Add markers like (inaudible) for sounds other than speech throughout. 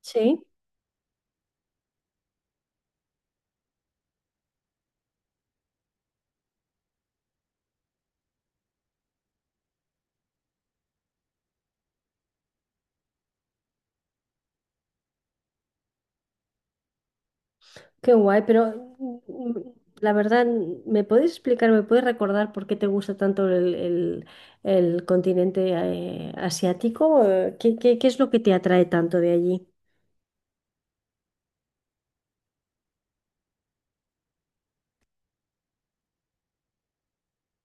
Sí, qué guay. Pero la verdad, ¿me puedes explicar, me puedes recordar por qué te gusta tanto el continente asiático? ¿ qué es lo que te atrae tanto de allí?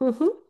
Ujú.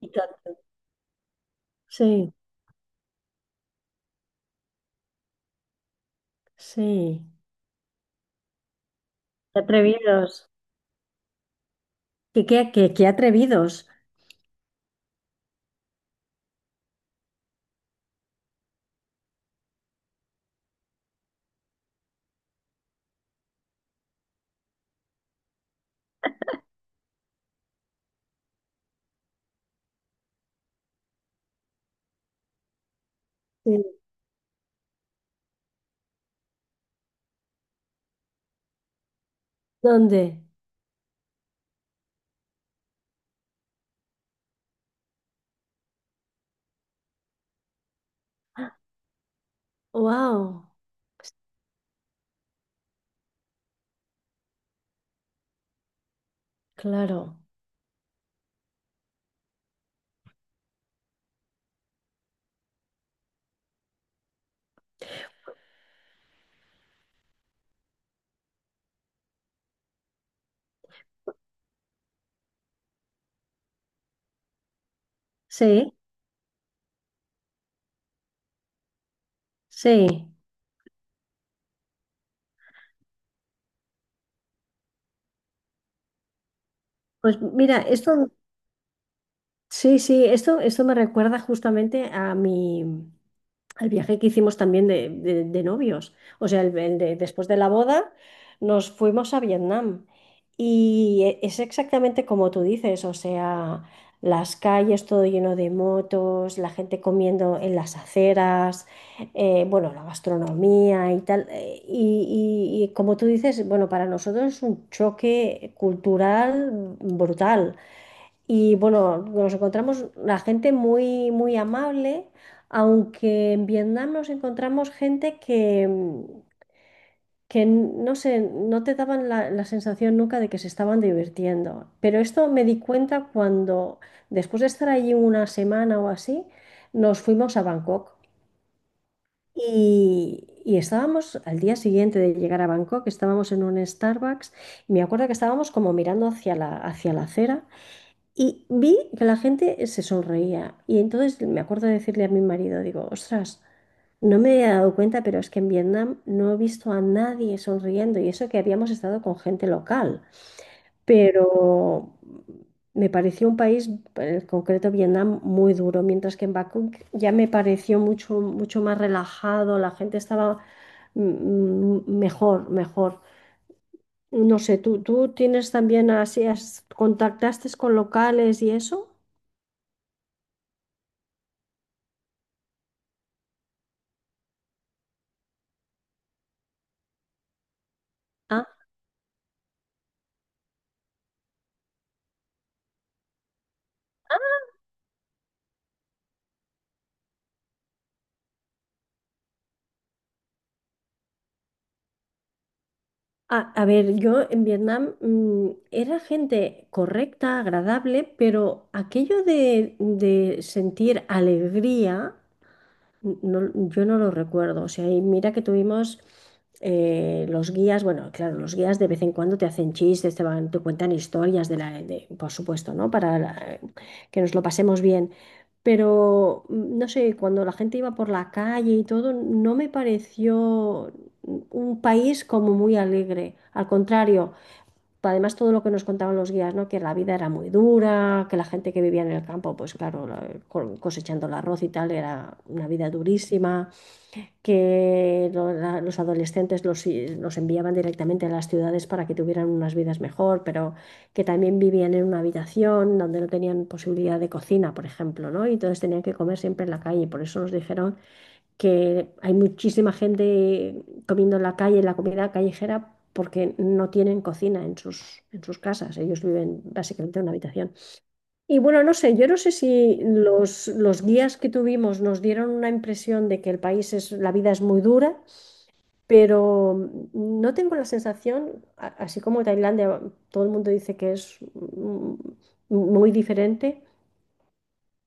Y tanto. Sí, sí. Qué atrevidos. Qué atrevidos? Sí. ¿Dónde? ¡Wow! Claro. Sí, sí. Pues mira, esto. Sí, sí, esto me recuerda justamente a mi, al viaje que hicimos también de novios. O sea, después de la boda nos fuimos a Vietnam, y es exactamente como tú dices. O sea, las calles todo lleno de motos, la gente comiendo en las aceras, bueno, la gastronomía y tal. Y como tú dices, bueno, para nosotros es un choque cultural brutal. Y bueno, nos encontramos la gente muy, muy amable, aunque en Vietnam nos encontramos gente que, que no sé, no te daban la sensación nunca de que se estaban divirtiendo. Pero esto me di cuenta cuando, después de estar allí una semana o así, nos fuimos a Bangkok. Y estábamos al día siguiente de llegar a Bangkok, estábamos en un Starbucks y me acuerdo que estábamos como mirando hacia hacia la acera y vi que la gente se sonreía. Y entonces me acuerdo de decirle a mi marido, digo, ostras, no me había dado cuenta, pero es que en Vietnam no he visto a nadie sonriendo. Y eso que habíamos estado con gente local. Pero me pareció un país, en concreto Vietnam, muy duro. Mientras que en Bangkok ya me pareció mucho, mucho más relajado. La gente estaba mejor, mejor. No sé, tú tienes también así, contactaste con locales y eso? Ah. A ver, yo en Vietnam era gente correcta, agradable, pero aquello de sentir alegría no, yo no lo recuerdo. O sea, y mira que tuvimos los guías, bueno, claro, los guías de vez en cuando te hacen chistes, te van, te cuentan historias de la, por supuesto, ¿no? Para que nos lo pasemos bien. Pero no sé, cuando la gente iba por la calle y todo, no me pareció un país como muy alegre. Al contrario. Además, todo lo que nos contaban los guías, ¿no? Que la vida era muy dura, que la gente que vivía en el campo, pues claro, cosechando el arroz y tal, era una vida durísima, que los adolescentes los enviaban directamente a las ciudades para que tuvieran unas vidas mejor, pero que también vivían en una habitación donde no tenían posibilidad de cocina, por ejemplo, ¿no? Y entonces tenían que comer siempre en la calle. Por eso nos dijeron que hay muchísima gente comiendo en la calle, en la comida callejera, porque no tienen cocina en en sus casas. Ellos viven básicamente en una habitación. Y bueno, no sé, yo no sé si los guías que tuvimos nos dieron una impresión de que el país es, la vida es muy dura, pero no tengo la sensación, así como Tailandia, todo el mundo dice que es muy diferente.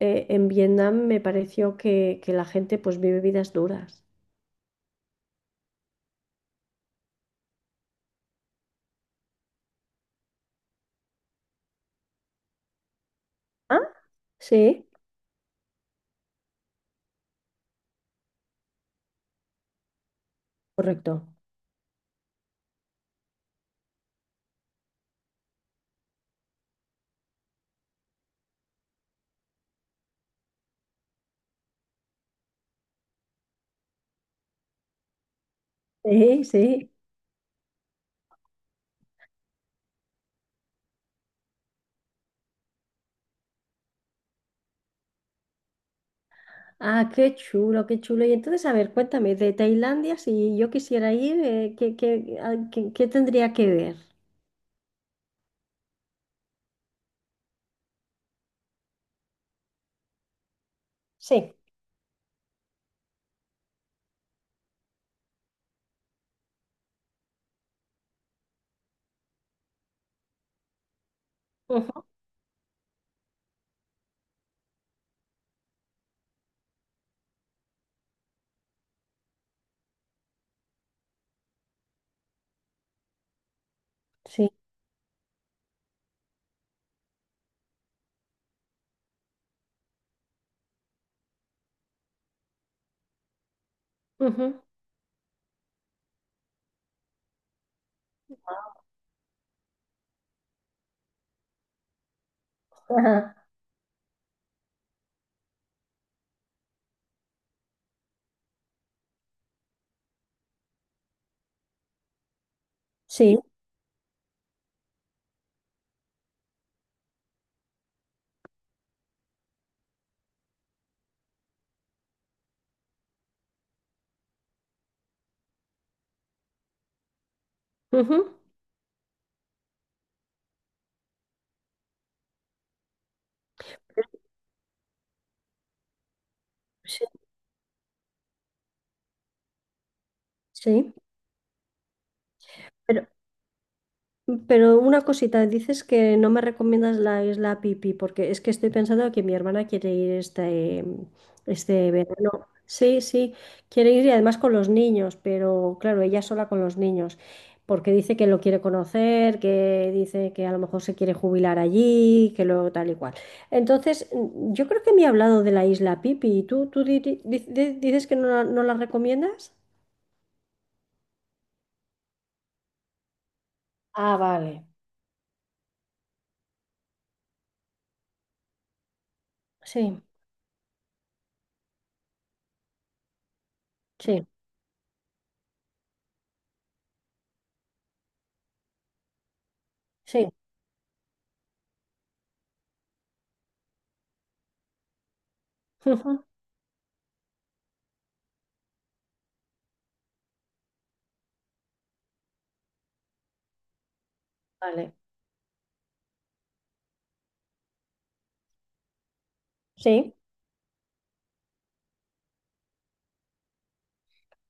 En Vietnam me pareció que la gente pues vive vidas duras. ¿Ah? Sí. Correcto. Sí, sí. Ah, qué chulo, qué chulo. Y entonces, a ver, cuéntame, de Tailandia, si yo quisiera ir, ¿ qué tendría que ver? Sí, ujú, sí, ujú, ajá. Sí, ujú, sí. Sí. Pero una cosita, dices que no me recomiendas la isla Pipi, porque es que estoy pensando que mi hermana quiere ir este, este verano. Sí, sí, quiere ir y además con los niños, pero claro, ella sola con los niños, porque dice que lo quiere conocer, que dice que a lo mejor se quiere jubilar allí, que luego tal y cual. Entonces, yo creo que me ha hablado de la isla Pipi. Y tú dices que no, no la recomiendas? Ah, vale. Sí, sí, sí. (laughs) Vale. Sí.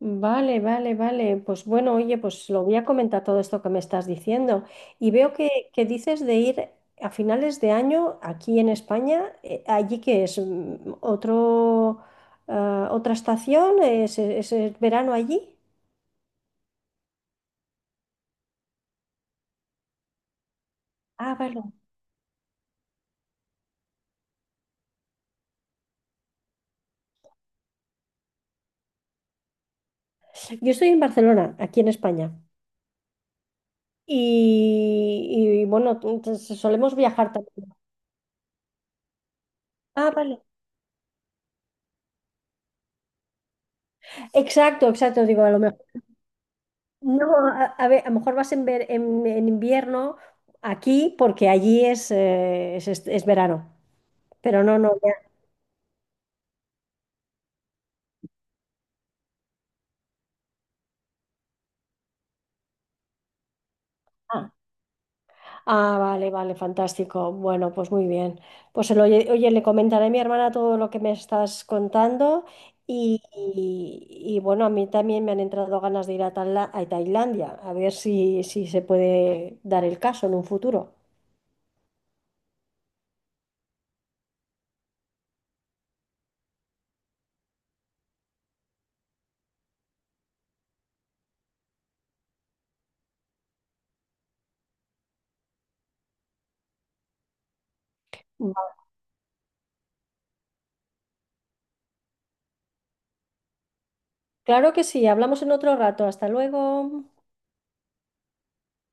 Vale, vale, vale. Pues bueno, oye, pues lo voy a comentar todo esto que me estás diciendo. Y veo que dices de ir a finales de año aquí en España, allí que es mm, otro, ah, otra estación, es verano allí. Ah, vale. Yo estoy en Barcelona, aquí en España. Y, bueno, solemos viajar también. Ah, vale. Exacto, exacto. Digo, a lo mejor. No, a ver, a lo mejor vas en, en invierno aquí porque allí es, es verano, pero no, no, ya. Ah, ah, vale, vale, fantástico. Bueno, pues muy bien. Oye, le comentaré a mi hermana todo lo que me estás contando y, y, bueno, a mí también me han entrado ganas de ir a, a Tailandia, a ver si, si se puede dar el caso en un futuro. Va. Claro que sí, hablamos en otro rato. Hasta luego.